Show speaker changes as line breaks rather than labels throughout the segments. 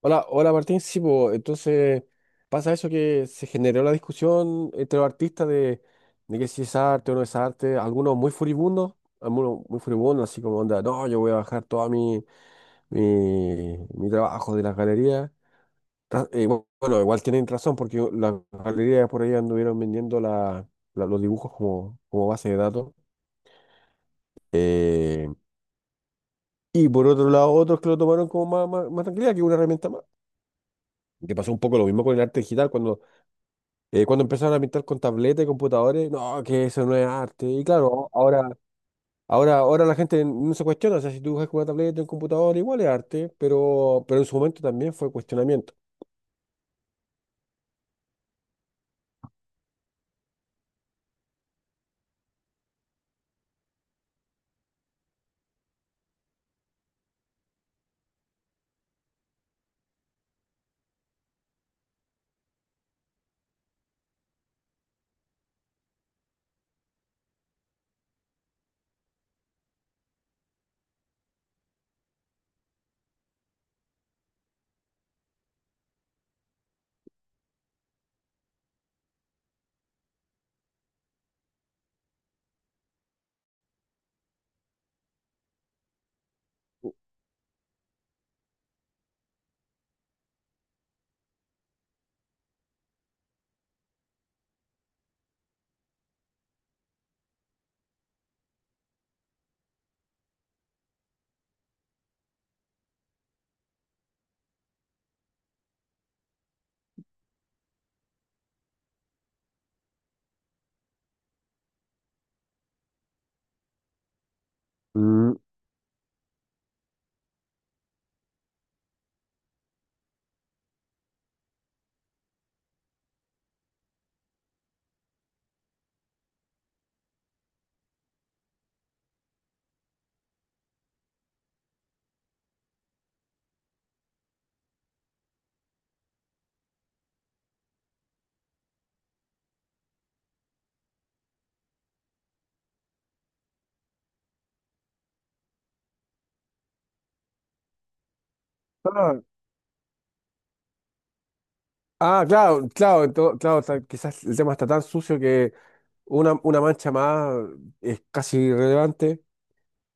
Hola, hola, Martín. Sí, po, entonces pasa eso, que se generó la discusión entre los artistas de que si es arte o no es arte. Algunos muy furibundos, así como onda, no, yo voy a bajar todo mi trabajo de las galerías. Bueno, igual tienen razón, porque las galerías por ahí anduvieron vendiendo los dibujos como base de datos. Eh, y por otro lado, otros que lo tomaron como más tranquilidad, que una herramienta más. Que pasó un poco lo mismo con el arte digital cuando empezaron a pintar con tabletas y computadores. No, que eso no es arte. Y claro, ahora la gente no se cuestiona. O sea, si tú dibujas con una tableta y un computador, igual es arte, pero en su momento también fue cuestionamiento. Mm. Ah, ah, claro, claro, claro, quizás el tema está tan sucio que una mancha más es casi irrelevante.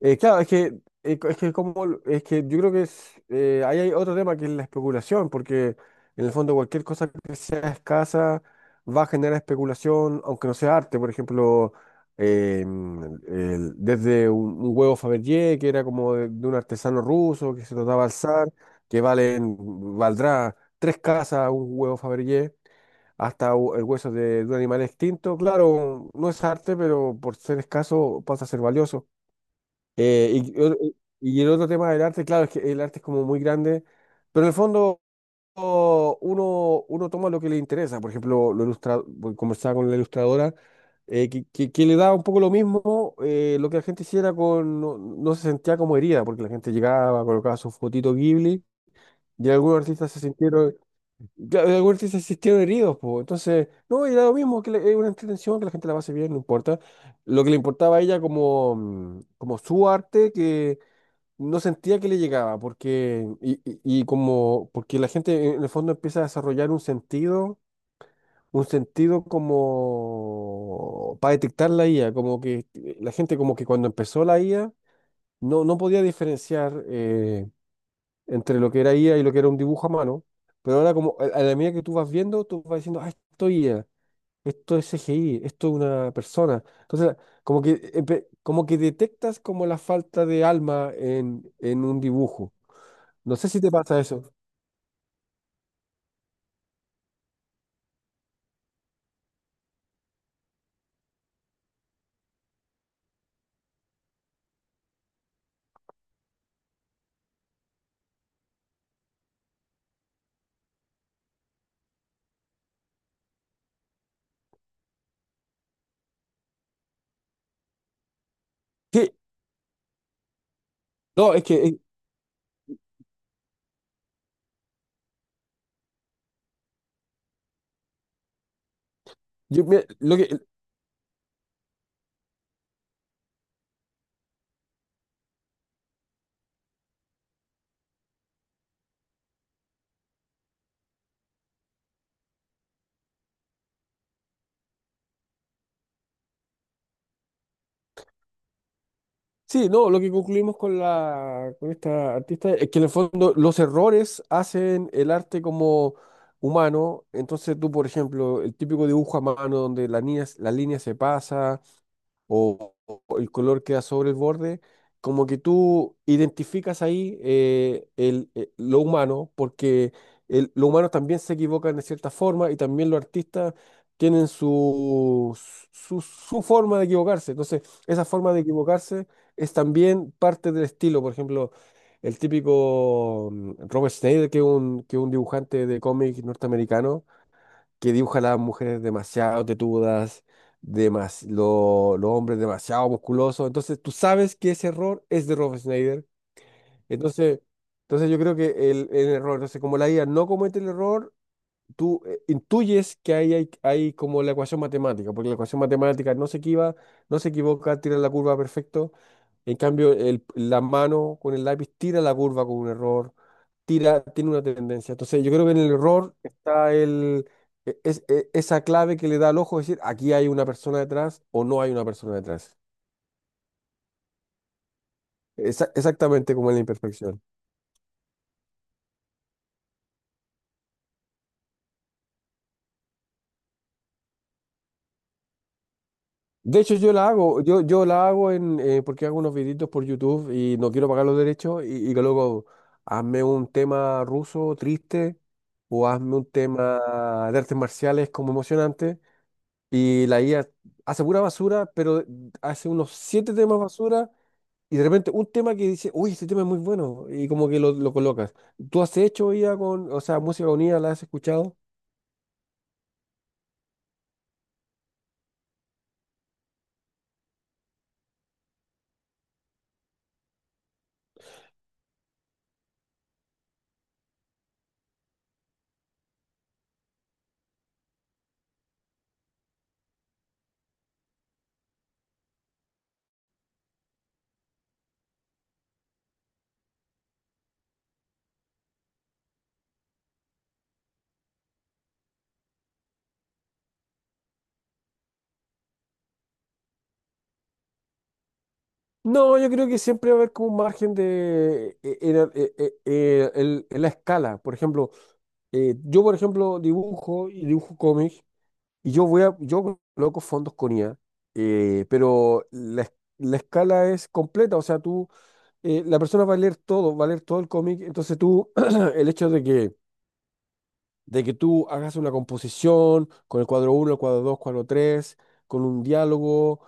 Claro, es que, es que como, es que yo creo que es, ahí hay otro tema, que es la especulación, porque en el fondo cualquier cosa que sea escasa va a generar especulación, aunque no sea arte. Por ejemplo, desde un huevo Fabergé, que era como de un artesano ruso que se trataba al zar, que valen, valdrá tres casas un huevo Fabergé, hasta el hueso de un animal extinto. Claro, no es arte, pero por ser escaso pasa a ser valioso. Eh, y, o- y el otro tema del arte, claro, es que el arte es como muy grande, pero en el fondo uno toma lo que le interesa. Por ejemplo, lo ilustra, bueno, conversaba con la ilustradora, que le daba un poco lo mismo lo que la gente hiciera con, no, no se sentía como herida, porque la gente llegaba, colocaba su fotito Ghibli, y algunos artistas se sintieron, claro, y algunos artistas se sintieron heridos, po. Entonces, no, era lo mismo, es una entretención, que la gente la pase bien, no importa. Lo que le importaba a ella como, como su arte, que no sentía que le llegaba, porque, porque la gente en el fondo empieza a desarrollar un sentido como para detectar la IA. Como que la gente, como que cuando empezó la IA no, no podía diferenciar entre lo que era IA y lo que era un dibujo a mano, pero ahora, como a la medida que tú vas viendo, tú vas diciendo, ah, esto es IA, esto es CGI, esto es una persona. Entonces, como que, como que detectas como la falta de alma en un dibujo. No sé si te pasa eso. Sí, no, es que yo, mira, lo que sí, no, lo que concluimos con esta artista es que en el fondo los errores hacen el arte como humano. Entonces tú, por ejemplo, el típico dibujo a mano donde la línea se pasa, o el color queda sobre el borde, como que tú identificas ahí lo humano, porque lo humano también se equivocan de cierta forma, y también los artistas tienen su, su forma de equivocarse. Entonces, esa forma de equivocarse es también parte del estilo. Por ejemplo, el típico Robert Schneider, que es un dibujante de cómic norteamericano, que dibuja a las mujeres demasiado tetudas, los hombres demasiado musculosos. Entonces tú sabes que ese error es de Rob Schneider. Entonces, entonces yo creo que el error, entonces como la IA no comete el error, tú intuyes que ahí hay como la ecuación matemática, porque la ecuación matemática no se equivoca, tira la curva perfecto. En cambio, la mano con el lápiz tira la curva con un error, tiene una tendencia. Entonces, yo creo que en el error está el, e- es- e- esa clave que le da al ojo decir, aquí hay una persona detrás o no hay una persona detrás. Exactamente, como en la imperfección. De hecho, yo la hago, porque hago unos videitos por YouTube, y no quiero pagar los derechos, y que luego, hazme un tema ruso triste, o hazme un tema de artes marciales como emocionante, y la IA hace pura basura, pero hace unos siete temas basura, y de repente un tema que dice, uy, este tema es muy bueno, y como que lo colocas. ¿Tú has hecho IA con, o sea, música con IA? ¿La has escuchado? No, yo creo que siempre va a haber como un margen de en la escala. Por ejemplo, yo por ejemplo dibujo, y dibujo cómics, y yo voy a yo coloco fondos con IA, pero la escala es completa. O sea, tú, la persona va a leer todo, va a leer todo el cómic. Entonces tú el hecho de que, de que tú hagas una composición con el cuadro uno, el cuadro 2, cuadro 3, con un diálogo,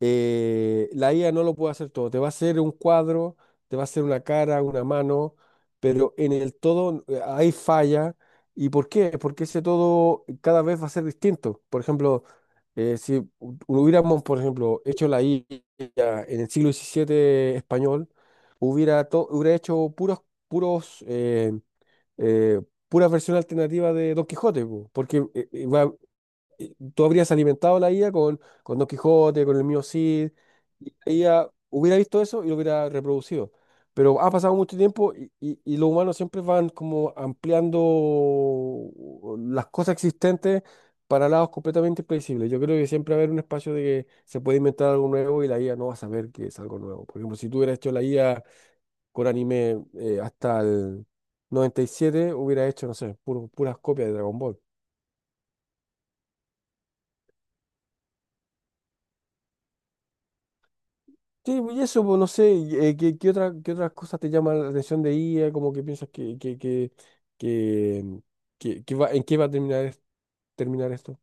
la IA no lo puede hacer todo. Te va a hacer un cuadro, te va a hacer una cara, una mano, pero en el todo hay falla. ¿Y por qué? Porque ese todo cada vez va a ser distinto. Por ejemplo, si hu- hubiéramos, por ejemplo, hecho la IA en el siglo XVII español, hubiera, hubiera hecho puros, puros, eh, eh, pura versión alternativa de Don Quijote, po, porque tú habrías alimentado la IA con Don Quijote, con el mío Cid, y la IA hubiera visto eso y lo hubiera reproducido. Pero ha pasado mucho tiempo, y los humanos siempre van como ampliando las cosas existentes para lados completamente imprevisibles. Yo creo que siempre va a haber un espacio de que se puede inventar algo nuevo, y la IA no va a saber que es algo nuevo. Por ejemplo, si tú hubieras hecho la IA con anime hasta el 97, hubiera hecho, no sé, puras copias de Dragon Ball. Sí, y eso, pues no sé, y, ¿qué, qué otras cosas te llaman la atención de IA? Como que piensas que, que, mm, que va, ¿en qué va a terminar, terminar esto?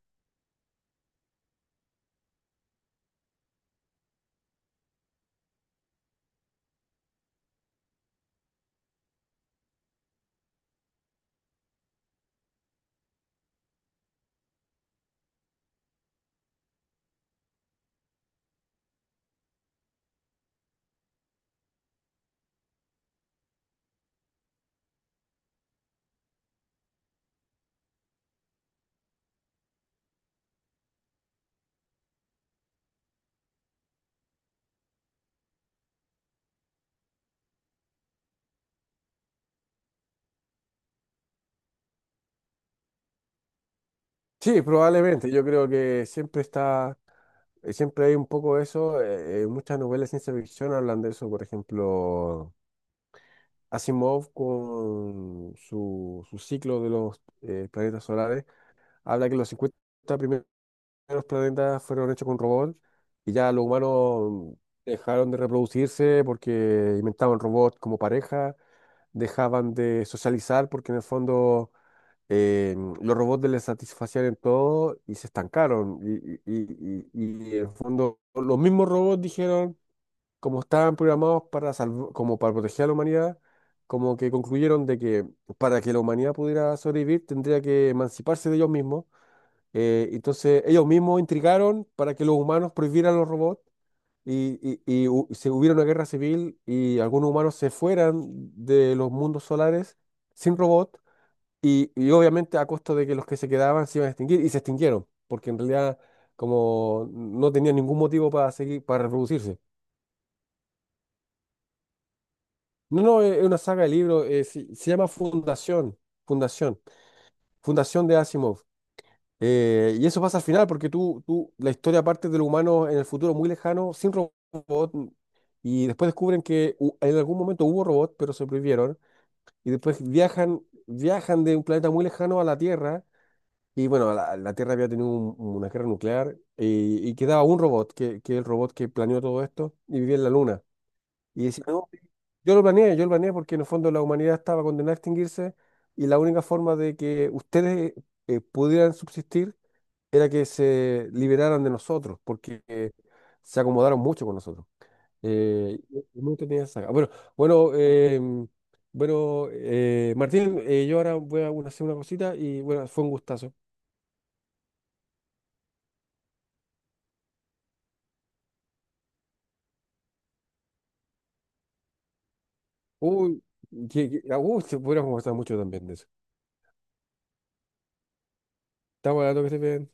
Sí, probablemente. Yo creo que siempre hay un poco de eso. Muchas novelas de ciencia ficción hablan de eso. Por ejemplo, Asimov, con su, su ciclo de los planetas solares, habla que los 50 los planetas fueron hechos con robots, y ya los humanos dejaron de reproducirse porque inventaban robots como pareja, dejaban de socializar porque en el fondo eh, los robots les satisfacían en todo y se estancaron. Y en el fondo los mismos robots dijeron, como estaban programados para como para proteger a la humanidad, como que concluyeron de que para que la humanidad pudiera sobrevivir tendría que emanciparse de ellos mismos. Entonces, ellos mismos intrigaron para que los humanos prohibieran los robots, y, y se hubiera una guerra civil y algunos humanos se fueran de los mundos solares sin robot, y obviamente a costa de que los que se quedaban se iban a extinguir. Y se extinguieron, porque en realidad como no tenían ningún motivo para seguir, para reproducirse. No, no, es una saga de libros. Se llama Fundación, Fundación, Fundación de Asimov. Y eso pasa al final, porque tú, la historia parte del humano en el futuro muy lejano, sin robot. Y después descubren que en algún momento hubo robot, pero se prohibieron, y después viajan, viajan de un planeta muy lejano a la Tierra. Y bueno, la Tierra había tenido una guerra nuclear, y quedaba un robot, que es el robot que planeó todo esto, y vivía en la Luna. Y decía, no, yo lo planeé, yo lo planeé, porque en el fondo la humanidad estaba condenada a extinguirse, y la única forma de que ustedes pudieran subsistir era que se liberaran de nosotros, porque se acomodaron mucho con nosotros. Eh, y muy entretenida esa saga. Bueno, bueno, em, bueno, Martín, yo ahora voy a hacer una cosita y bueno, fue un gustazo. Uy, se podría conversar mucho también de eso. Estamos hablando. Que estés bien.